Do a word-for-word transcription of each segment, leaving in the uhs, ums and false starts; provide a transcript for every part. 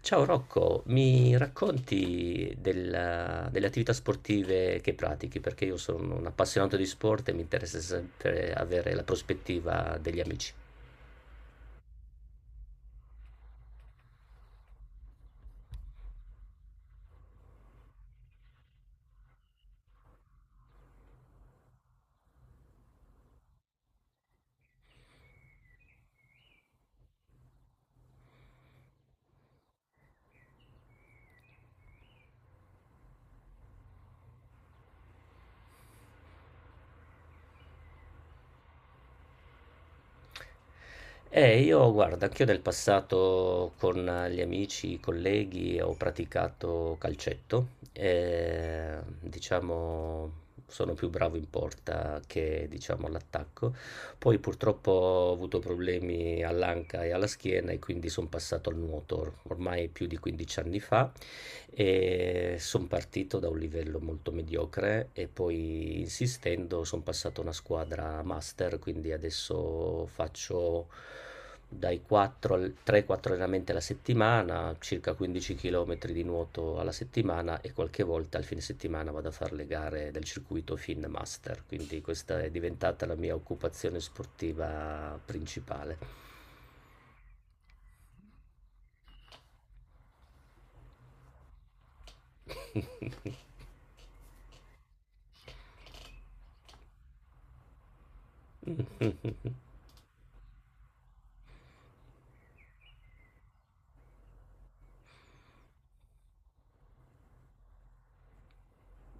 Ciao Rocco, mi racconti della- delle attività sportive che pratichi? Perché io sono un appassionato di sport e mi interessa sempre avere la prospettiva degli amici. E io, guarda, anch'io nel passato con gli amici, i colleghi, ho praticato calcetto e diciamo sono più bravo in porta che diciamo all'attacco. Poi purtroppo ho avuto problemi all'anca e alla schiena e quindi sono passato al nuoto or- ormai più di quindici anni fa e sono partito da un livello molto mediocre e poi insistendo sono passato a una squadra master, quindi adesso faccio dai quattro al tre quattro allenamenti alla settimana, circa quindici chilometri di nuoto alla settimana e qualche volta al fine settimana vado a fare le gare del circuito Fin Master, quindi questa è diventata la mia occupazione sportiva principale.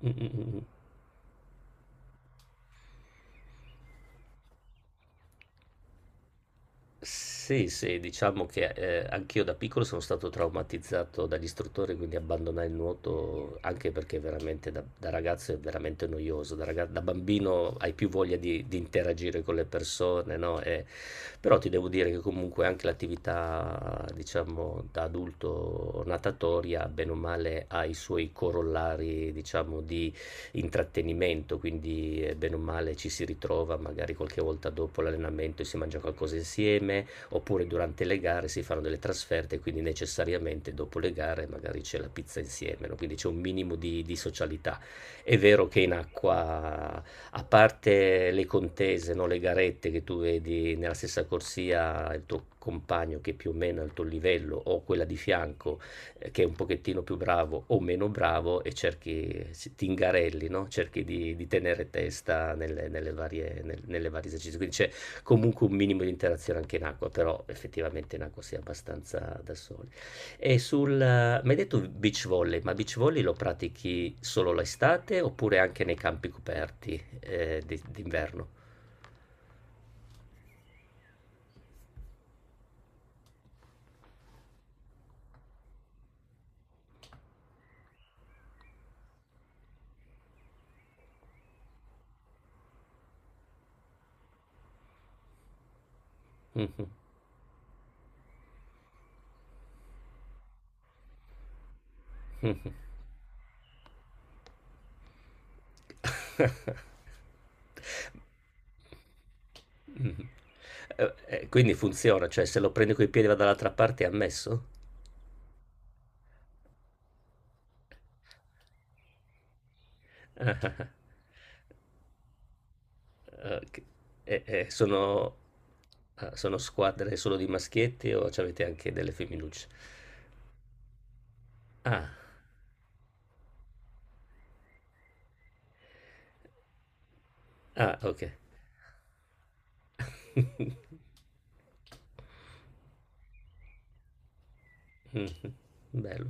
Mm, mm, mm. Mm. Sì, sì, diciamo che eh, anch'io da piccolo sono stato traumatizzato dagli istruttori, quindi abbandonai il nuoto anche perché veramente da, da ragazzo è veramente noioso. Da, raga- da bambino hai più voglia di, di interagire con le persone, no? E- però ti devo dire che comunque anche l'attività, diciamo, da adulto natatoria, bene o male, ha i suoi corollari, diciamo, di intrattenimento, quindi eh, bene o male ci si ritrova magari qualche volta dopo l'allenamento e si mangia qualcosa insieme, oppure durante le gare si fanno delle trasferte, quindi necessariamente dopo le gare magari c'è la pizza insieme, no? Quindi c'è un minimo di, di socialità. È vero che in acqua, a parte le contese, no? Le garette che tu vedi nella stessa corsia, il tuo compagno che più o meno è al tuo livello o quella di fianco, eh, che è un pochettino più bravo o meno bravo e cerchi, si- ti ingarelli, no? Cerchi di, di tenere testa nelle, nelle varie, nel- nelle varie esercizi. Quindi c'è comunque un minimo di interazione anche in acqua, però effettivamente in acqua si è abbastanza da soli. E sul, eh, mi hai detto beach volley, ma beach volley lo pratichi solo l'estate oppure anche nei campi coperti eh, di- d'inverno? Mhm, mhm. Mh. Eh, eh, quindi funziona, cioè se lo prendo coi piedi e vado dall'altra parte è ammesso? Ah-ah-ah. Ok. E e sono ah, sono squadre solo di maschietti o c'avete anche delle femminucce? Ah, ah okay. Mh-mh. Bello, bello.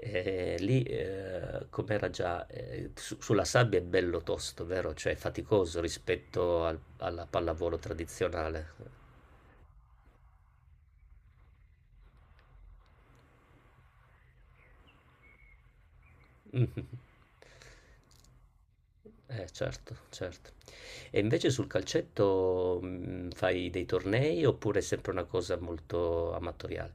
E lì, ehm, com'era già ehm, su sulla sabbia è bello tosto, vero? Cioè è faticoso rispetto al alla pallavolo tradizionale. Mh-mh. Eh, certo, certo. E invece sul calcetto mh, fai dei tornei oppure è sempre una cosa molto amatoriale?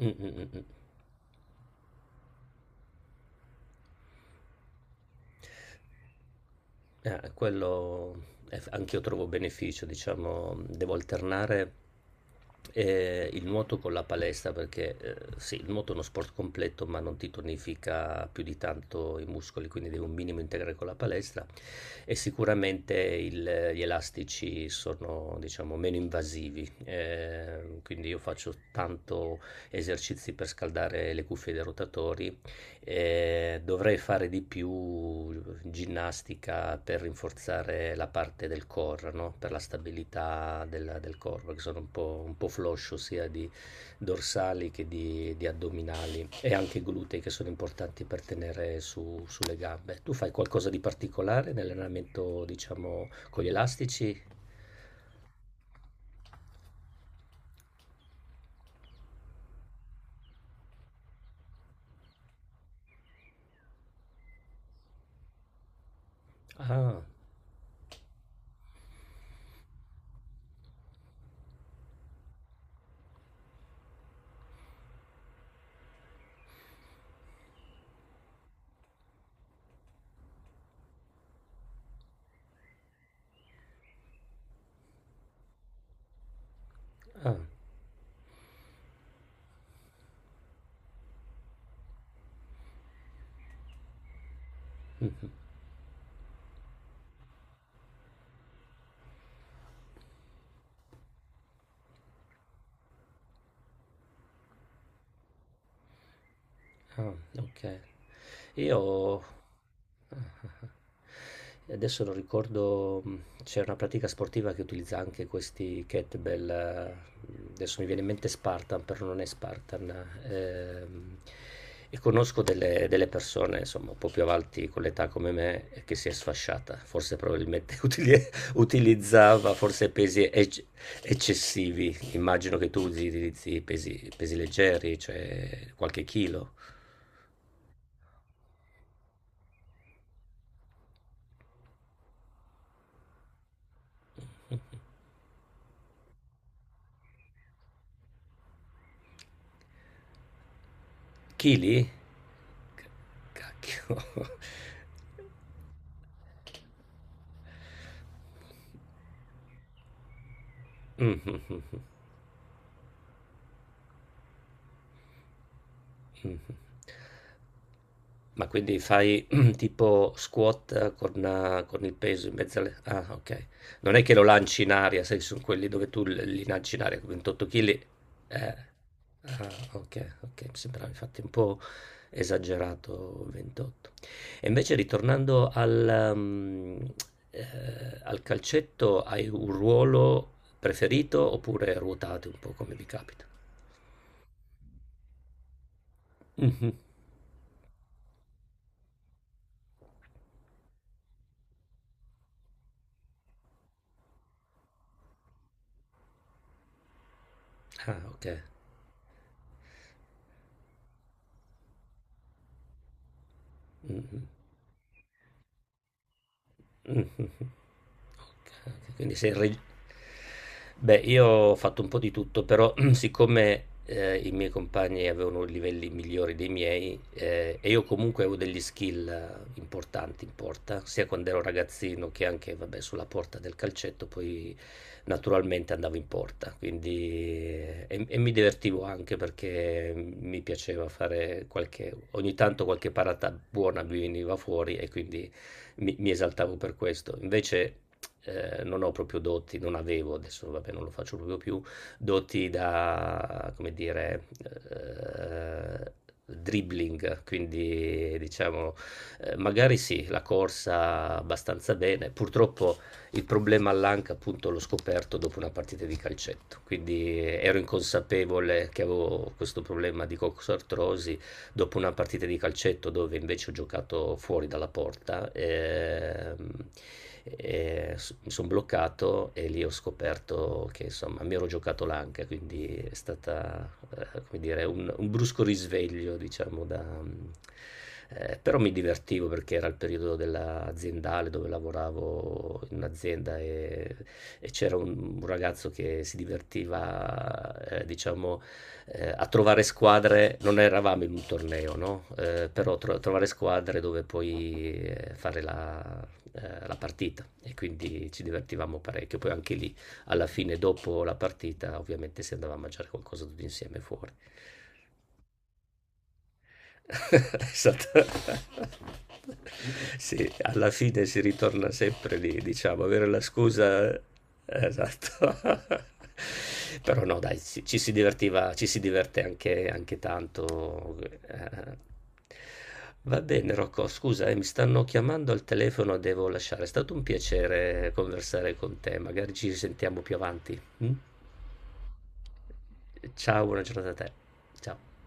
Mm, mm, mm, mm. Eh, quello è- anch'io trovo beneficio, diciamo, devo alternare eh, il nuoto con la palestra perché eh, sì, il nuoto è uno sport completo ma non ti tonifica più di tanto i muscoli, quindi devi un minimo integrare con la palestra e sicuramente il- gli elastici sono, diciamo, meno invasivi, eh, quindi io faccio tanto esercizi per scaldare le cuffie dei rotatori eh, dovrei fare di più ginnastica per rinforzare la parte del core, no? Per la stabilità del, del core, perché sono un po', un po' floscio sia di dorsali che di, di addominali e anche glutei che sono importanti per tenere su- sulle gambe. Tu fai qualcosa di particolare nell'allenamento, diciamo, con gli elastici? Ah, ah. Ah, okay. Io ah, ah, ah. Adesso non ricordo, mhmm, c'era una pratica sportiva che utilizza anche questi kettlebell, mhmm, adesso mi viene in mente Spartan, però non è Spartan. Ehm, e conosco delle delle persone, insomma, un po' più avanti con l'età come me, ehm, che si è sfasciata. Forse probabilmente utili utilizzava forse pesi ecc eccessivi. Immagino che tu utilizzi pesi pesi leggeri, cioè qualche chilo. Chili? C cacchio. Mh-mh, mh-mh, mh-mh. Ma quindi fai tipo squat con, eh, con il peso in mezzo alle. Ah, ok. Non è che lo lanci in aria, sai, sono quelli dove tu li li lanci in aria, ventotto chili. Eh. Ah, ok, ok, mi sembrava infatti un po' esagerato ventotto. E invece ritornando al, mm, eh, al calcetto, hai un ruolo preferito oppure ruotate un po' come vi capita? Mhm. Ah, ok. Mhm. Mh-mh-mh. Okay, quindi sei re beh, io ho fatto un po' di tutto, però siccome, ehm, i miei compagni avevano livelli migliori dei miei, ehm, e io comunque avevo degli skill eh, importanti in porta, sia quando ero ragazzino che anche, vabbè, sulla porta del calcetto, poi naturalmente andavo in porta, quindi eh, e e mi divertivo anche perché mi piaceva fare qualche ogni tanto qualche parata buona mi veniva fuori e quindi mi, mi esaltavo per questo. Invece eh, non ho proprio doti, non avevo, adesso vabbè non lo faccio proprio più, doti da, come dire, eh, dribbling, quindi diciamo, eh, magari sì, la corsa abbastanza bene. Purtroppo il problema all'anca appunto l'ho scoperto dopo una partita di calcetto, quindi eh, ero inconsapevole che avevo questo problema di coxartrosi dopo una partita di calcetto dove invece ho giocato fuori dalla porta, ehm, e s- mi sono bloccato e lì ho scoperto che insomma mi ero giocato l'anca, quindi è stata eh, come dire, un, un brusco risveglio, diciamo, da, eh, però mi divertivo perché era il periodo dell'aziendale dove lavoravo in un'azienda e, e c'era un, un ragazzo che si divertiva, eh, diciamo, eh, a trovare squadre, non eravamo in un torneo, no? Eh, però tro- trovare squadre dove poi eh, fare la, eh, la partita e quindi ci divertivamo parecchio. Poi anche lì, alla fine, dopo la partita, ovviamente si andava a mangiare qualcosa tutti insieme fuori. Esatto. Sì, alla fine si ritorna sempre lì, diciamo, avere la scusa esatto. Però no, dai, ci ci si divertiva ci si diverte anche anche tanto, ehm. Va bene Rocco, scusa, eh, mi stanno chiamando al telefono, devo lasciare. È stato un piacere conversare con te, magari ci risentiamo più avanti, mh? Ciao, buona giornata a te. Ciao.